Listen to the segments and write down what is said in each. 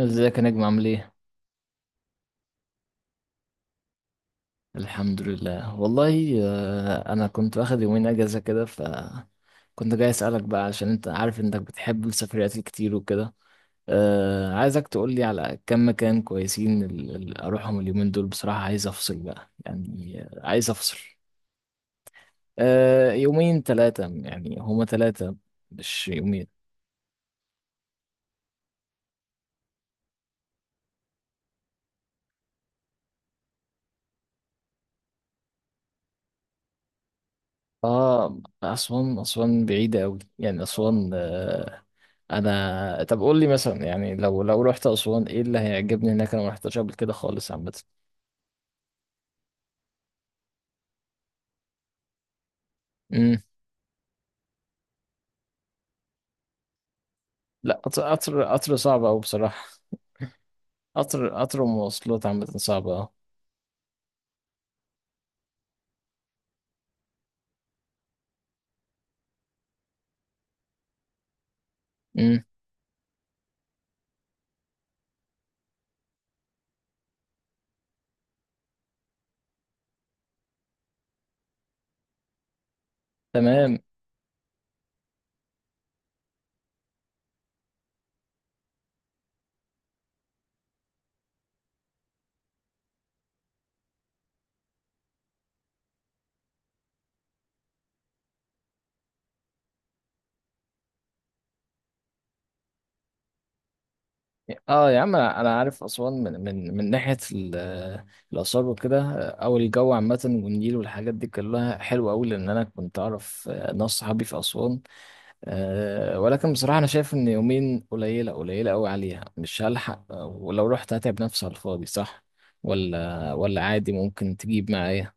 ازيك يا نجم، عامل ايه؟ الحمد لله والله. انا كنت واخد يومين اجازة كده. كنت جاي اسألك بقى، عشان انت عارف انك بتحب السفريات الكتير وكده. عايزك تقولي على كم مكان كويسين اروحهم اليومين دول. بصراحة عايز افصل بقى، يعني عايز افصل. يومين ثلاثة، يعني هما ثلاثة مش يومين. اه، اسوان. اسوان بعيده قوي يعني. اسوان انا. طب قول لي مثلا، يعني لو رحت اسوان ايه اللي هيعجبني هناك؟ انا ما رحتش قبل كده خالص عامه. امم. لا، قطر صعب قوي بصراحه. قطر قطر ومواصلات عامه صعبه، اه. امم. تمام. اه يا عم، انا عارف اسوان من ناحيه الاثار وكده، او الجو عامه والنيل والحاجات دي كلها حلوه قوي، لان انا كنت اعرف ناس صحابي في اسوان. أه، ولكن بصراحة أنا شايف إن يومين قليلة، قليلة أوي عليها، مش هلحق. ولو رحت هتعب نفسي على الفاضي، صح؟ ولا عادي ممكن تجيب معايا؟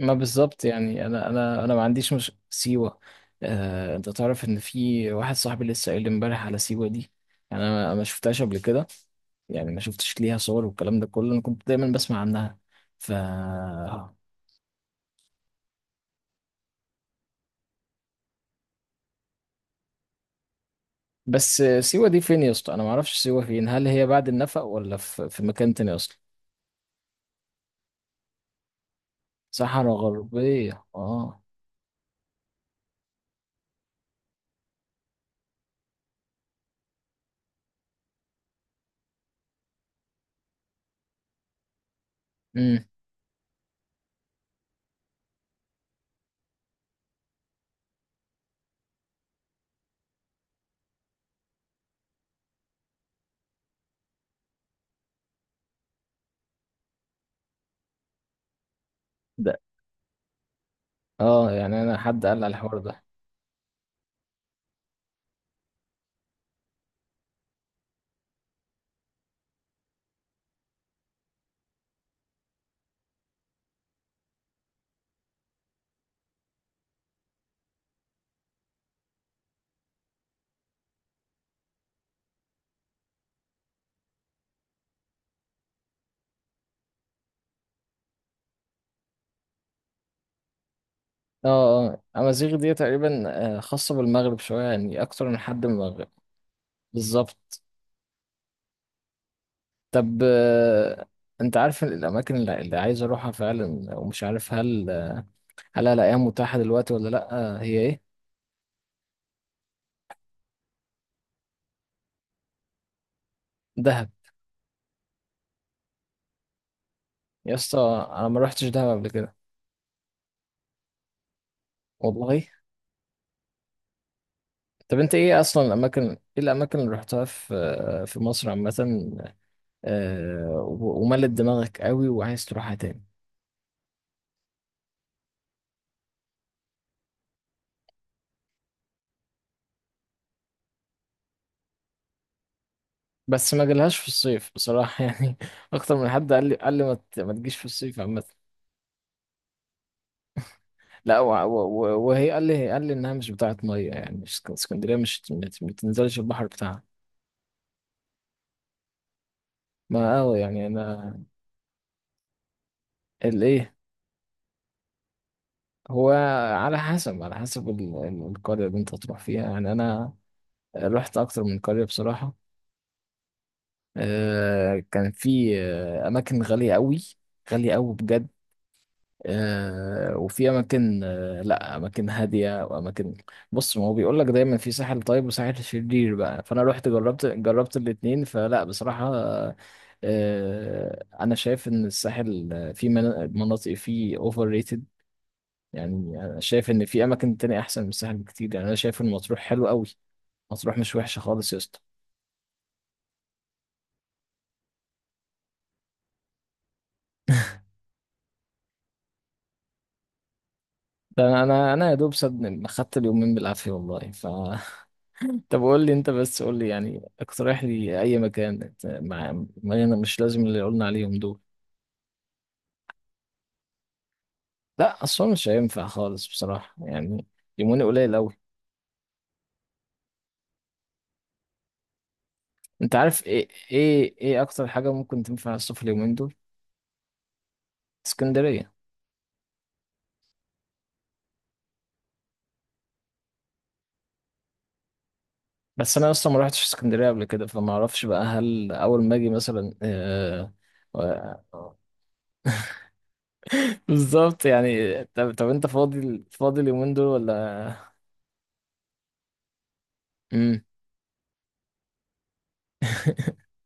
ما بالظبط يعني، أنا ما عنديش، مش سيوة. أه، أنت تعرف إن في واحد صاحبي لسه قايل لي إمبارح على سيوة دي. يعني أنا ما شفتهاش قبل كده. يعني ما شفتش ليها صور والكلام ده كله، أنا كنت دايما بسمع عنها. ف بس سيوة دي فين يا اسطى؟ أنا ما أعرفش سيوة فين، هل هي بعد النفق ولا في مكان تاني أصلا؟ صحراء غربية، اه. امم. ده، اه، يعني انا حد قال على الحوار ده. اه، اه، امازيغ دي تقريبا، خاصة بالمغرب شوية، يعني اكتر من حد من المغرب. بالظبط. طب، انت عارف الاماكن اللي عايز اروحها فعلا، ومش عارف هل هل هلاقيها متاحة دلوقتي ولا لا؟ هي ايه؟ دهب. يا اسطى انا ما روحتش دهب قبل كده. والله. طب انت ايه اصلا الاماكن، ايه الاماكن اللي رحتها في في مصر عامة؟ وملت دماغك قوي وعايز تروحها تاني؟ بس ما جالهاش في الصيف بصراحة يعني. أكتر من حد قال لي ما تجيش في الصيف عامة. لا، وهي قال لي إنها مش بتاعة مية يعني، مش اسكندرية، مش ما تنزلش البحر بتاعها. ما أوي يعني أنا. الإيه؟ هو. على حسب، على حسب القرية اللي أنت هتروح فيها يعني. أنا رحت أكتر من قرية بصراحة. كان في أماكن غالية قوي. غالية قوي بجد. وفي اماكن، لا، اماكن هاديه واماكن. بص، ما هو بيقول لك دايما في ساحل طيب وساحل شرير بقى. فانا رحت، جربت الاتنين. فلا بصراحه، انا شايف ان الساحل في مناطق فيه اوفر ريتد، يعني انا شايف ان في اماكن تانية احسن من الساحل بكتير. يعني انا شايف ان مطروح حلو قوي. مطروح مش وحشه خالص يا اسطى. ده انا، أنا يا دوب صدق خدت اليومين بالعافيه والله. ف طب قول لي انت، بس قول لي يعني، اقترح لي اي مكان مع. ما انا مش لازم اللي قلنا عليهم دول. لا اصلا مش هينفع خالص بصراحة يعني. يومين قليل قوي. انت عارف ايه، ايه اكتر حاجة ممكن تنفع الصيف اليومين دول؟ اسكندرية. بس انا اصلا ما رحتش اسكندرية قبل كده، فما اعرفش بقى هل اول ما اجي مثلا آه، بالظبط يعني. طب، انت فاضي اليومين دول ولا؟ امم.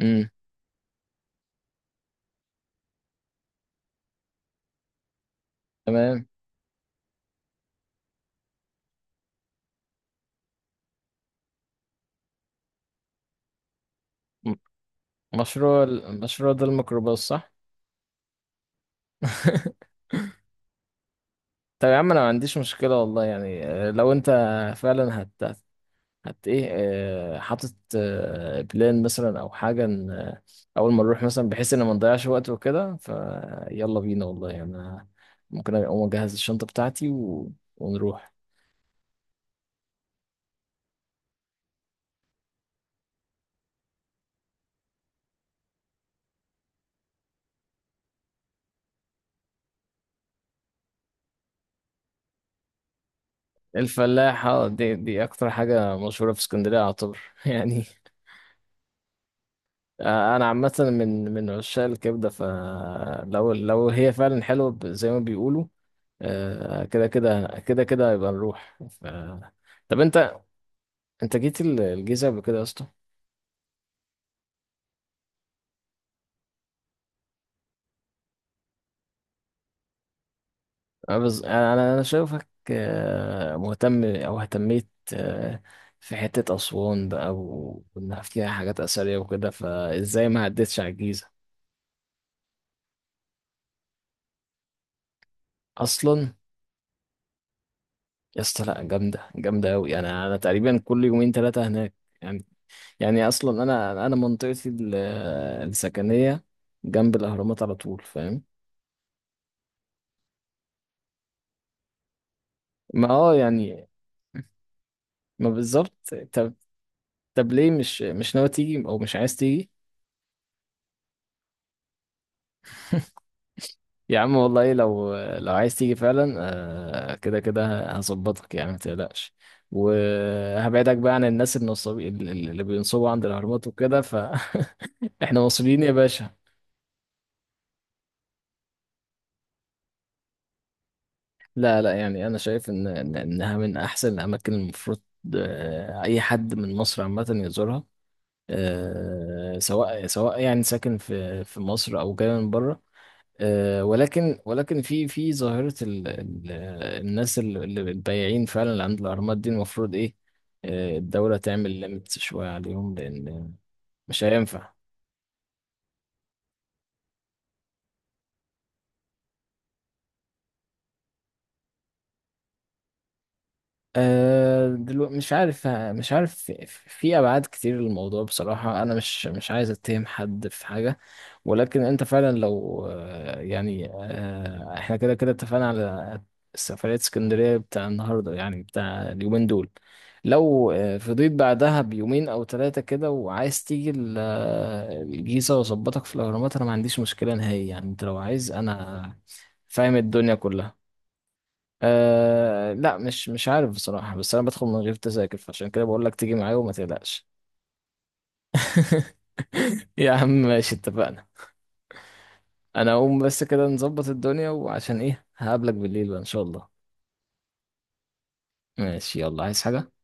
امم. تمام. مشروع، ده الميكروباص، صح؟ طب يا عم انا ما عنديش مشكله والله يعني. لو انت فعلا هت ايه، حاطط بلان مثلا او حاجه، إن اول ما نروح مثلا، بحيث ان ما نضيعش وقت وكده، فيلا بينا والله يعني. أنا ممكن اقوم اجهز الشنطه بتاعتي ونروح. الفلاحه دي، اكتر حاجه مشهوره في اسكندريه، اعتبر يعني. انا عامه من عشاق الكبده، فلو هي فعلا حلوه، زي ما بيقولوا، كده يبقى نروح. طب انت، انت جيت الجيزة قبل كده يا اسطى؟ انا أنا شايفك مهتم او اهتميت، آه، في حتة اسوان بقى وانها فيها حاجات اثرية وكده، فازاي ما عدتش على الجيزة اصلا؟ يا اسطى لا، جامدة جامدة اوي. انا تقريبا كل يومين ثلاثة هناك يعني. يعني اصلا انا، منطقتي السكنية جنب الاهرامات على طول، فاهم؟ ما اه يعني، ما بالظبط. طب ليه مش، ناوي تيجي او مش عايز تيجي؟ يا عم والله لو عايز تيجي فعلا، كده كده هظبطك يعني، ما تقلقش. وهبعدك بقى عن الناس النصابين اللي بينصبوا عند الاهرامات وكده، فاحنا مصريين يا باشا. لا لا، يعني انا شايف ان انها من احسن الاماكن. المفروض اي حد من مصر عامه يزورها، سواء سواء يعني ساكن في مصر او جاي من بره. ولكن في ظاهرة ال الناس البياعين فعلا اللي عند الأهرامات دي. المفروض إيه، الدولة تعمل ليميت شوية عليهم، لأن مش هينفع. أه دلوقتي مش عارف، في ابعاد كتير للموضوع بصراحه. انا مش عايز اتهم حد في حاجه، ولكن انت فعلا لو يعني احنا كده كده اتفقنا على سفريه اسكندريه بتاع النهارده يعني، بتاع اليومين دول. لو فضيت بعدها بيومين او ثلاثه كده وعايز تيجي الجيزه واظبطك في الاهرامات، انا ما عنديش مشكله نهائي يعني. انت لو عايز انا فاهم الدنيا كلها. أه لا، مش عارف بصراحة. بس أنا بدخل من غير تذاكر، فعشان كده بقول لك تيجي معايا وما تقلقش. يا عم ماشي، اتفقنا. أنا أقوم بس كده نظبط الدنيا، وعشان إيه هقابلك بالليل بقى إن شاء الله. ماشي، يلا، عايز حاجة؟